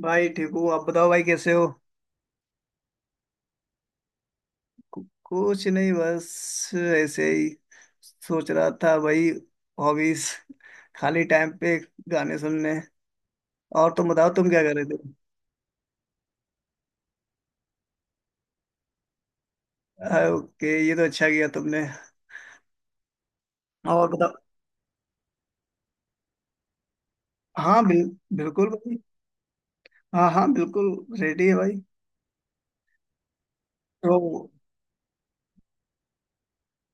भाई ठीक हूँ। आप बताओ भाई, कैसे हो? कुछ नहीं, बस ऐसे ही सोच रहा था भाई। हॉबीज, खाली टाइम पे गाने सुनने। और तुम बताओ, तुम क्या कर रहे थे? ओके, ये तो अच्छा किया तुमने। और बताओ। हाँ, बिल्कुल भाई। हाँ हाँ, बिल्कुल। रेडी है भाई। तो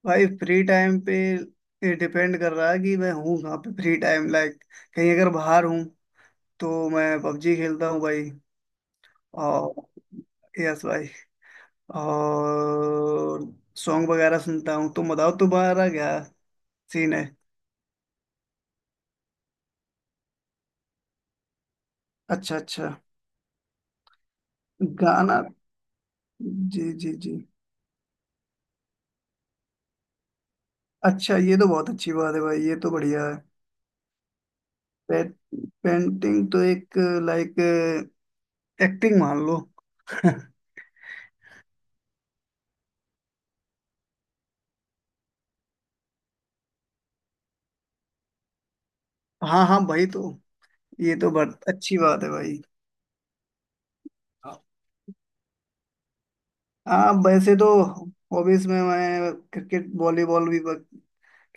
भाई, फ्री टाइम पे ये डिपेंड कर रहा है कि मैं हूँ कहाँ पे। फ्री टाइम लाइक, कहीं अगर बाहर हूँ तो मैं पबजी खेलता हूँ भाई। और यस भाई, और सॉन्ग वगैरह सुनता हूँ। तुम बताओ, तुम्हारा क्या सीन है? अच्छा अच्छा। गाना। जी जी जी। अच्छा, ये तो बहुत अच्छी बात है भाई। ये तो बढ़िया है। पे, पेंटिंग तो एक, लाइक, एक्टिंग मान लो। हाँ हाँ भाई, तो ये तो बहुत अच्छी बात है भाई। हाँ, वैसे तो हॉबीज में मैं क्रिकेट, वॉलीबॉल भी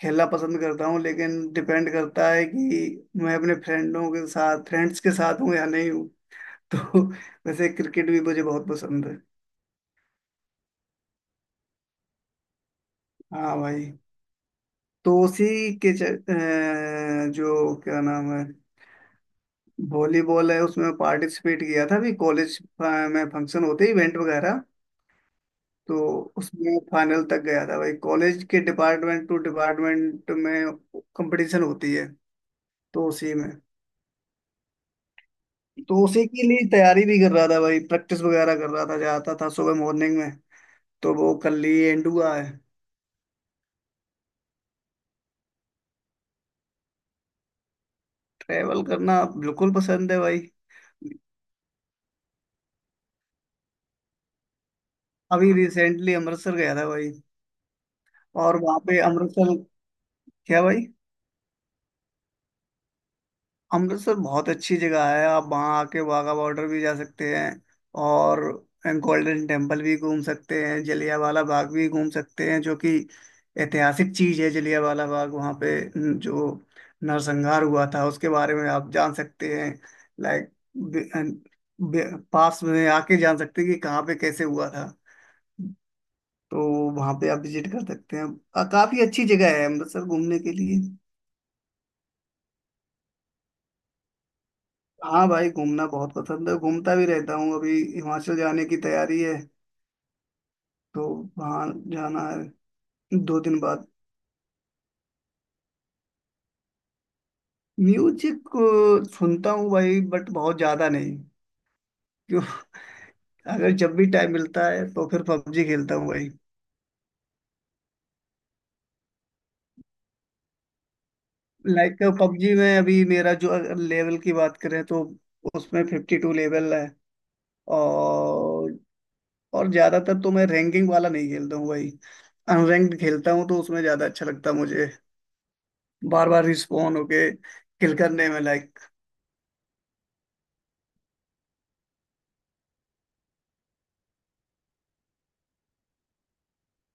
खेलना पसंद करता हूँ, लेकिन डिपेंड करता है कि मैं अपने फ्रेंडों के साथ फ्रेंड्स के साथ हूँ या नहीं हूँ। तो वैसे क्रिकेट भी मुझे बहुत पसंद है। हाँ भाई, तो उसी जो क्या नाम है, वॉलीबॉल है, उसमें पार्टिसिपेट किया था भी। कॉलेज में फंक्शन होते, इवेंट वगैरह, तो उसमें फाइनल तक गया था भाई। कॉलेज के डिपार्टमेंट टू डिपार्टमेंट में कंपटीशन होती है, तो उसी में। तो उसी के लिए तैयारी भी कर रहा था भाई, प्रैक्टिस वगैरह कर रहा था, जाता था सुबह मॉर्निंग में। तो वो कल ही एंड हुआ है। ट्रैवल करना बिल्कुल पसंद है भाई। अभी रिसेंटली अमृतसर गया था भाई। और वहाँ पे अमृतसर, क्या भाई? अमृतसर बहुत अच्छी जगह है। आप वहाँ आके वाघा बॉर्डर भी जा सकते हैं, और गोल्डन टेम्पल भी घूम सकते हैं, जलियांवाला बाग भी घूम सकते हैं, जो कि ऐतिहासिक चीज है। जलियांवाला बाग वहाँ पे जो नरसंहार हुआ था, उसके बारे में आप जान सकते हैं। लाइक, पास में आके जान सकते हैं कि कहाँ पे कैसे हुआ था। तो वहाँ पे आप विजिट कर सकते हैं। काफी अच्छी जगह है अमृतसर घूमने के लिए। हाँ भाई, घूमना बहुत पसंद है, घूमता भी रहता हूँ। अभी हिमाचल जाने की तैयारी है, तो वहाँ जाना है 2 दिन बाद। म्यूजिक सुनता हूँ भाई, बट बहुत ज्यादा नहीं। क्यों? अगर जब भी टाइम मिलता है तो फिर पबजी खेलता हूँ भाई। लाइक, पबजी में अभी मेरा जो लेवल की बात करें तो उसमें 52 लेवल है। और और ज्यादातर तो मैं रैंकिंग वाला नहीं खेलता हूँ भाई, अनरैंक्ड खेलता हूँ, तो उसमें ज्यादा अच्छा लगता है मुझे, बार बार रिस्पॉन होके किल करने में। लाइक,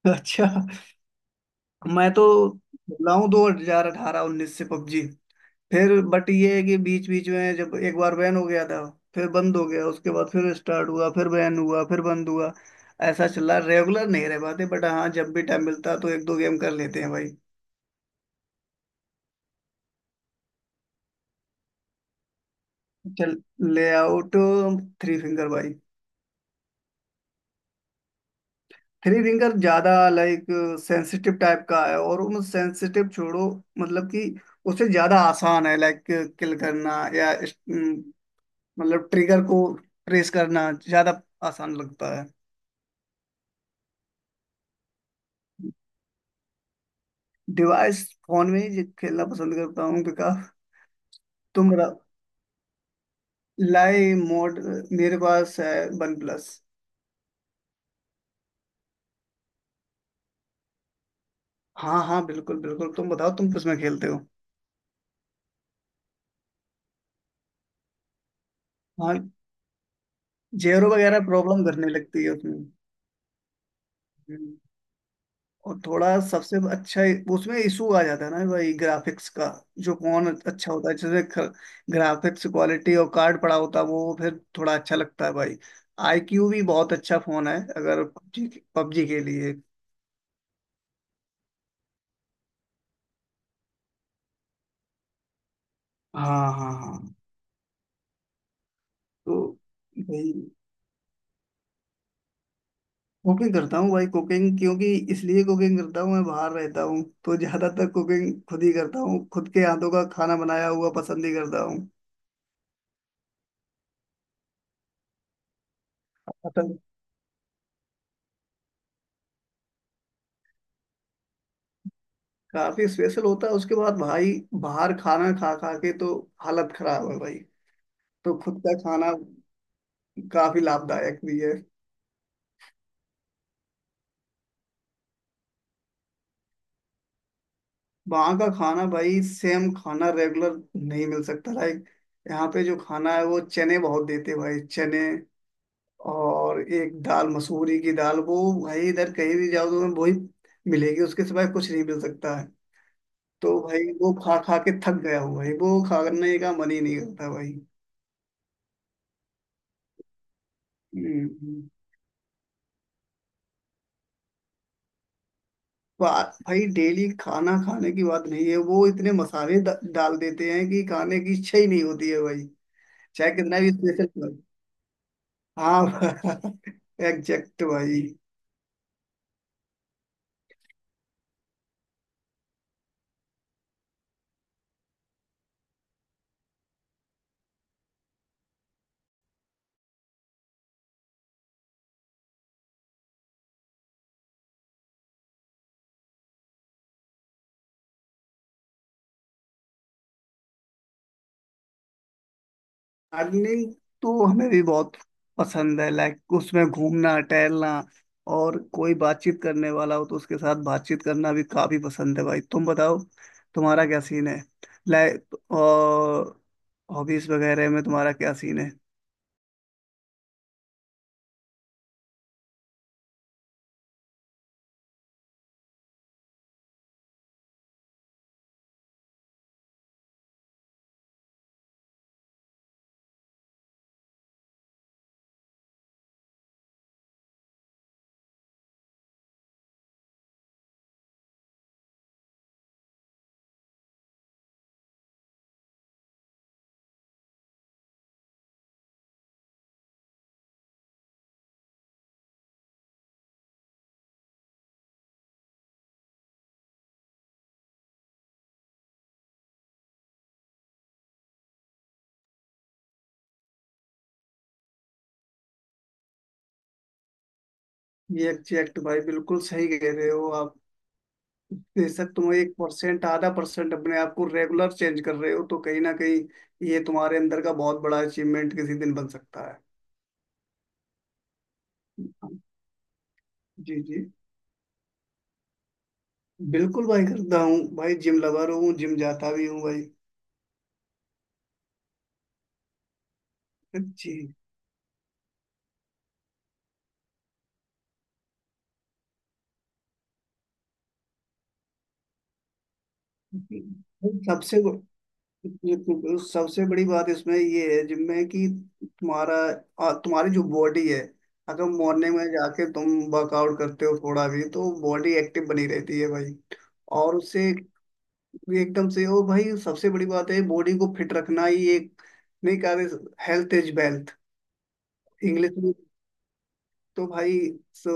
अच्छा। मैं तो लाऊं 2018-19 से पबजी, फिर, बट ये है कि बीच बीच में जब एक बार बैन हो गया था, फिर बंद हो गया, उसके बाद फिर स्टार्ट हुआ, फिर बैन हुआ, फिर बंद हुआ। ऐसा चला, रेगुलर नहीं रह पाते, बट हाँ, जब भी टाइम मिलता तो 1-2 गेम कर लेते हैं भाई। चल, ले आउट थ्री फिंगर भाई। थ्री रिंगर ज्यादा, लाइक, सेंसिटिव टाइप का है, और उन सेंसिटिव छोड़ो। मतलब कि उसे ज्यादा आसान है, लाइक, किल करना या मतलब ट्रिगर को ट्रेस करना ज्यादा आसान लगता है। डिवाइस फोन में ही खेलना पसंद करता हूँ, बिकॉज, तुम, लाई मोड मेरे पास है वन प्लस। हाँ हाँ, बिल्कुल बिल्कुल। तुम बताओ, तुम किसमें खेलते हो? हाँ, जेरो वगैरह प्रॉब्लम करने लगती है उसमें। और थोड़ा सबसे अच्छा, उसमें इशू आ जाता है ना भाई, ग्राफिक्स का। जो कौन अच्छा होता है, जैसे ग्राफिक्स क्वालिटी और कार्ड पड़ा होता है, वो फिर थोड़ा अच्छा लगता है भाई। आईक्यू भी बहुत अच्छा फोन है, अगर पबजी पबजी के लिए। हाँ हाँ हाँ। तो भाई कुकिंग करता हूँ भाई। कुकिंग क्योंकि, इसलिए कुकिंग करता हूँ, मैं बाहर रहता हूँ तो ज्यादातर कुकिंग खुद ही करता हूँ। खुद के हाथों का खाना बनाया हुआ पसंद ही करता हूँ। काफी स्पेशल होता है उसके बाद भाई। बाहर खाना खा खा के तो हालत खराब है भाई। तो खुद का खाना काफी लाभदायक भी है। वहाँ का खाना भाई, सेम खाना रेगुलर नहीं मिल सकता। लाइक, यहाँ पे जो खाना है, वो चने बहुत देते भाई, चने। और एक दाल, मसूरी की दाल, वो भाई इधर कहीं भी जाओ तो वही मिलेगी, उसके सिवाय कुछ नहीं मिल सकता है। तो भाई वो खा खा के थक गया हूँ भाई, वो खाने का मन ही नहीं करता भाई। हम्म बात भाई, डेली खाना खाने की बात नहीं है, वो इतने मसाले डाल देते हैं कि खाने की इच्छा ही नहीं होती है भाई। चाहे कितना भी स्पेशल खाओ। हाँ, एग्जैक्ट भाई। गार्डनिंग तो हमें भी बहुत पसंद है। लाइक, उसमें घूमना टहलना, और कोई बातचीत करने वाला हो तो उसके साथ बातचीत करना भी काफी पसंद है भाई। तुम बताओ, तुम्हारा क्या सीन है? लाइक, और हॉबीज वगैरह में तुम्हारा क्या सीन है? ये एग्जैक्ट भाई, बिल्कुल सही कह रहे हो आप। बेशक तुम 1%, 0.5% अपने आप को रेगुलर चेंज कर रहे हो, तो कहीं ना कहीं ये तुम्हारे अंदर का बहुत बड़ा अचीवमेंट किसी दिन बन सकता है। जी जी, बिल्कुल भाई, करता हूँ भाई। जिम लवर हूँ, जिम जाता भी हूँ भाई। जी, सबसे ब- सबसे बड़ी बात इसमें ये है, जिम में, कि तुम्हारा तुम्हारी जो बॉडी है, अगर मॉर्निंग में जाके तुम वर्कआउट करते हो थोड़ा भी, तो बॉडी एक्टिव बनी रहती है भाई। और उससे, ये एकदम से, और भाई सबसे बड़ी बात है बॉडी को फिट रखना ही। एक नहीं कहा, हेल्थ इज वेल्थ, इंग्लिश में। तो भाई सो,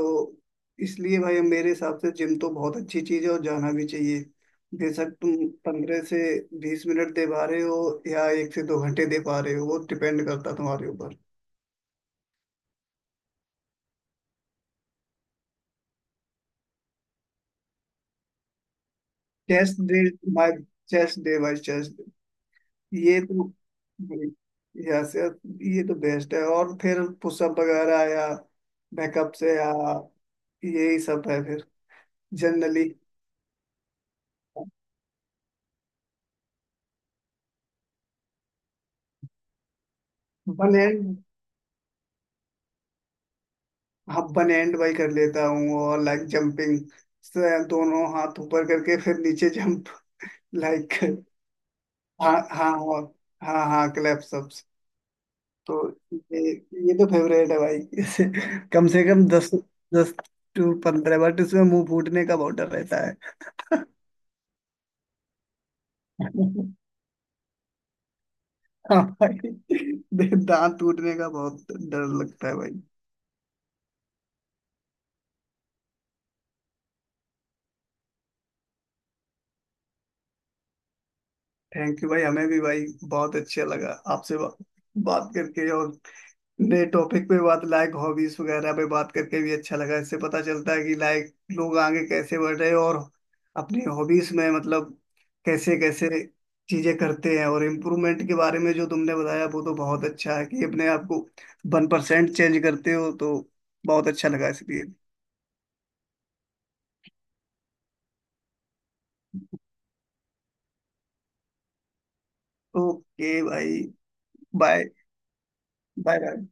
इसलिए भाई, मेरे हिसाब से जिम तो बहुत अच्छी चीज है और जाना भी चाहिए। बेशक तुम 15 से 20 मिनट दे पा रहे हो, या 1 से 2 घंटे दे पा रहे हो, वो डिपेंड करता है तुम्हारे ऊपर। Chest day by chest day by chest, ये तो, यस, ये तो बेस्ट है। और फिर पुशअप वगैरह, या बैकअप से, या यही सब है फिर। जनरली वन हैंड, हाँ वन हैंड बाई कर लेता हूँ। और लाइक, जंपिंग, दोनों हाथ ऊपर करके फिर नीचे जंप, लाइक। हाँ हाँ, और हाँ हाँ, क्लैप्स अप। तो ये ये तो फेवरेट है भाई। कम से कम 10, 10 से 15, बट इसमें मुंह फूटने का बहुत डर रहता है। हाँ भाई, दांत टूटने का बहुत डर लगता है भाई। थैंक यू भाई, हमें भी भाई बहुत अच्छा लगा आपसे बात करके। और नए टॉपिक पे बात, लाइक हॉबीज वगैरह पे बात करके भी अच्छा लगा। इससे पता चलता है कि लाइक लोग आगे कैसे बढ़ रहे हैं, और अपनी हॉबीज में मतलब कैसे कैसे चीजें करते हैं। और इम्प्रूवमेंट के बारे में जो तुमने बताया वो तो बहुत अच्छा है, कि अपने आप को 1% चेंज करते हो तो बहुत अच्छा लगा इसलिए। ओके भाई, बाय बाय बाय।